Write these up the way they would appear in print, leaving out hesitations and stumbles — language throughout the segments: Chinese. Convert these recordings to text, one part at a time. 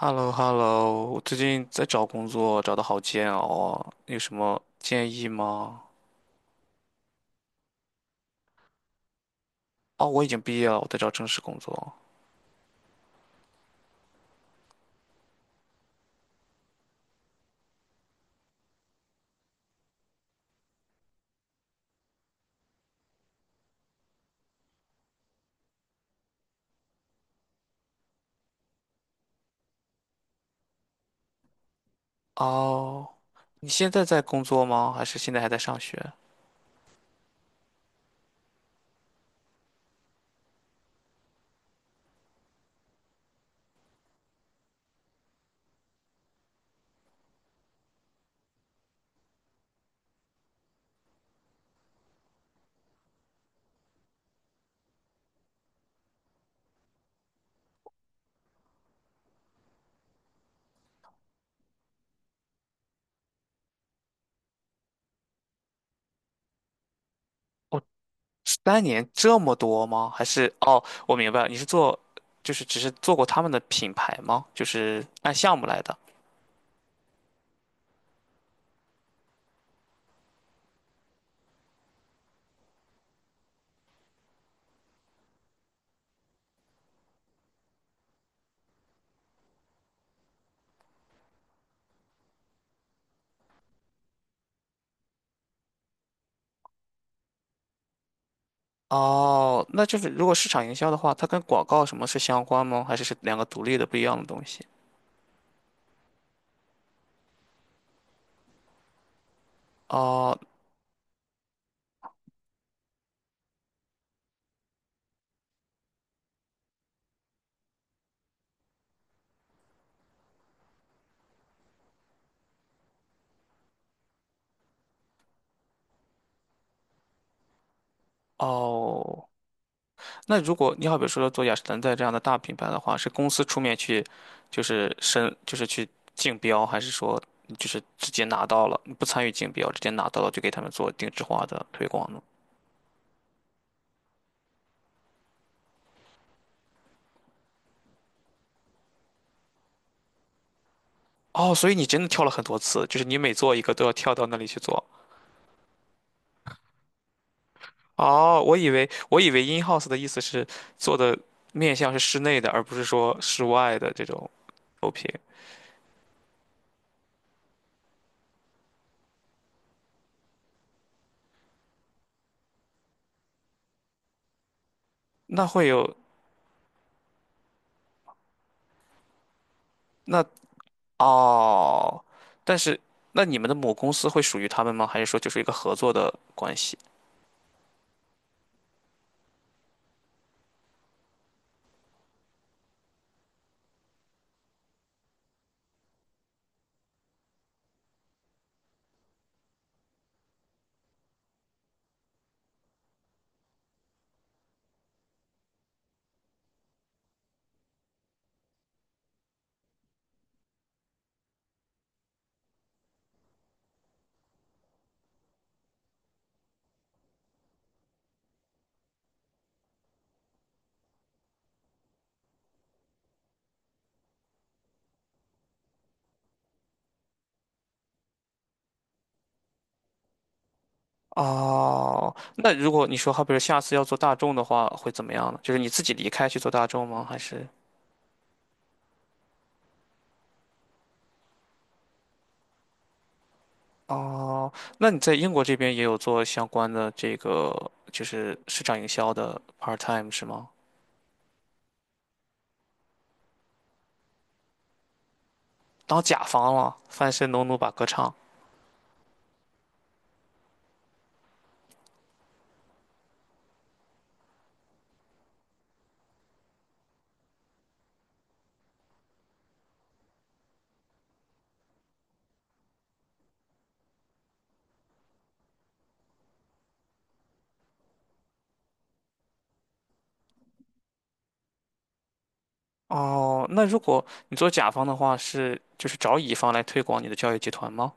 h e l l o hello 我最近在找工作，找的好煎熬啊，有什么建议吗？哦，我已经毕业了，我在找正式工作。哦，你现在在工作吗？还是现在还在上学？3年这么多吗？还是哦，我明白了，你是做，就是只是做过他们的品牌吗？就是按项目来的。哦，那就是如果市场营销的话，它跟广告什么是相关吗？还是两个独立的不一样的东西？哦哦，那如果你好比说做雅诗兰黛这样的大品牌的话，是公司出面去，就是申，就是去竞标，还是说就是直接拿到了，你不参与竞标，直接拿到了就给他们做定制化的推广呢？哦，所以你真的跳了很多次，就是你每做一个都要跳到那里去做。哦，我以为 in house 的意思是做的面向是室内的，而不是说室外的这种投屏。那会有，那哦，但是那你们的母公司会属于他们吗？还是说就是一个合作的关系？哦，那如果你说好比如下次要做大众的话，会怎么样呢？就是你自己离开去做大众吗？还是？哦，那你在英国这边也有做相关的这个就是市场营销的 part time 是吗？当甲方了，翻身农奴把歌唱。哦，那如果你做甲方的话，是就是找乙方来推广你的教育集团吗？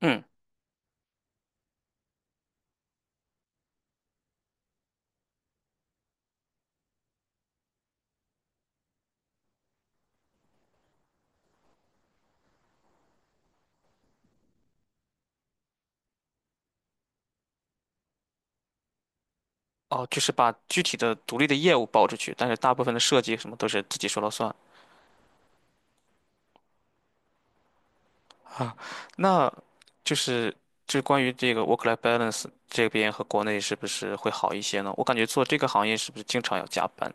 嗯。哦，就是把具体的独立的业务包出去，但是大部分的设计什么都是自己说了算。那就是关于这个 work-life balance 这边和国内是不是会好一些呢？我感觉做这个行业是不是经常要加班？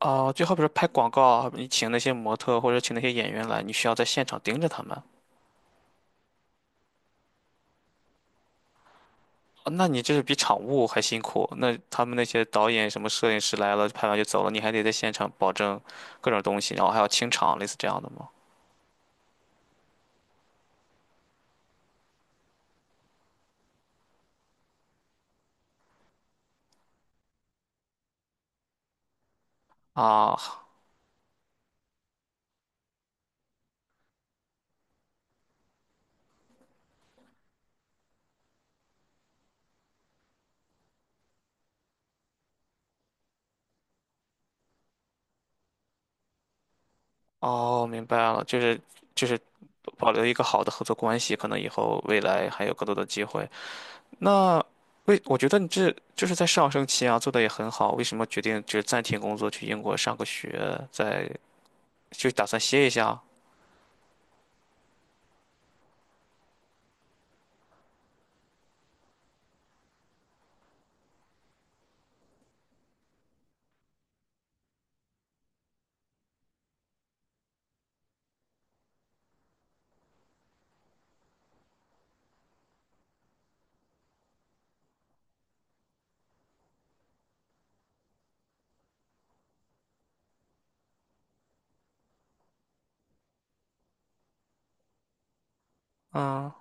哦，就好比说拍广告啊，你请那些模特或者请那些演员来，你需要在现场盯着他们。哦那你这是比场务还辛苦。那他们那些导演、什么摄影师来了，拍完就走了，你还得在现场保证各种东西，然后还要清场，类似这样的吗？啊，哦，明白了，就是就是保留一个好的合作关系，可能以后未来还有更多的机会。那我觉得你这就是在上升期啊，做的也很好，为什么决定就是暂停工作去英国上个学，再就打算歇一下？嗯，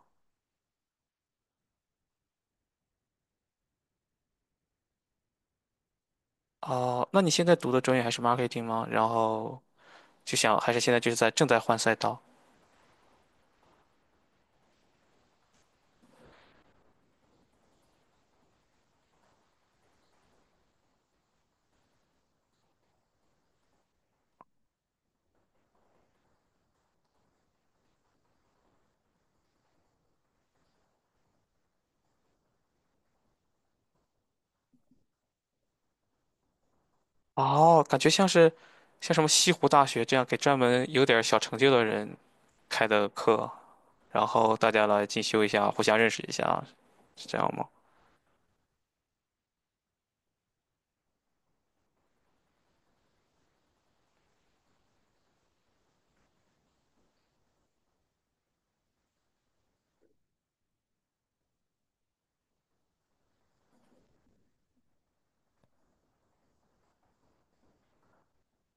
哦，那你现在读的专业还是 marketing 吗？然后就想还是现在就是正在换赛道。哦，感觉像是像什么西湖大学这样给专门有点儿小成就的人开的课。然后大家来进修一下，互相认识一下，是这样吗？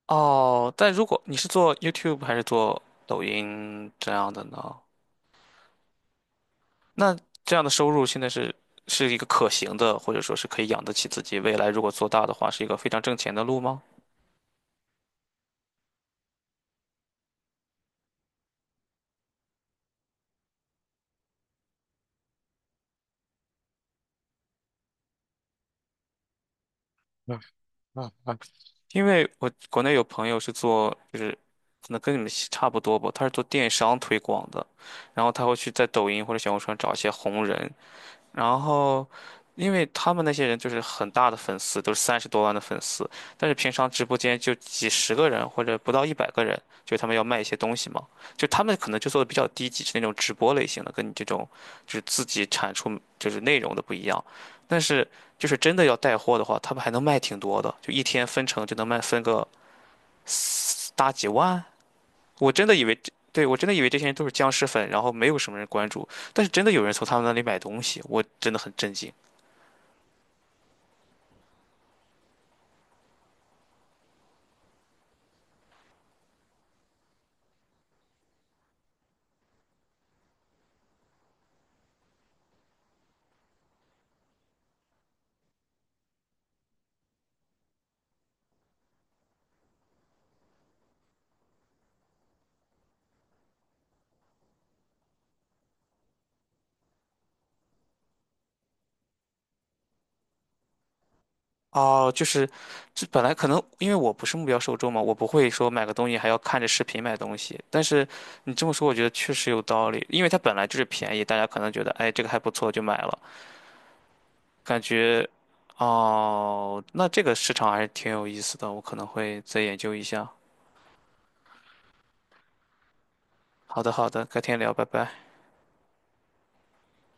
哦，但如果你是做 YouTube 还是做抖音这样的呢？那这样的收入现在是一个可行的，或者说是可以养得起自己，未来如果做大的话，是一个非常挣钱的路吗？因为我国内有朋友是做，就是可能跟你们差不多吧，他是做电商推广的，然后他会去在抖音或者小红书上找一些红人，然后，因为他们那些人就是很大的粉丝，都是30多万的粉丝，但是平常直播间就几十个人或者不到100个人，就他们要卖一些东西嘛，就他们可能就做的比较低级，是那种直播类型的，跟你这种就是自己产出就是内容的不一样。但是就是真的要带货的话，他们还能卖挺多的，就一天分成就能卖分个四大几万。我真的以为这，对，我真的以为这些人都是僵尸粉，然后没有什么人关注，但是真的有人从他们那里买东西，我真的很震惊。哦，就是，这本来可能因为我不是目标受众嘛，我不会说买个东西还要看着视频买东西。但是你这么说，我觉得确实有道理，因为它本来就是便宜，大家可能觉得，哎，这个还不错就买了，感觉，哦，那这个市场还是挺有意思的，我可能会再研究一下。好的，好的，改天聊，拜拜。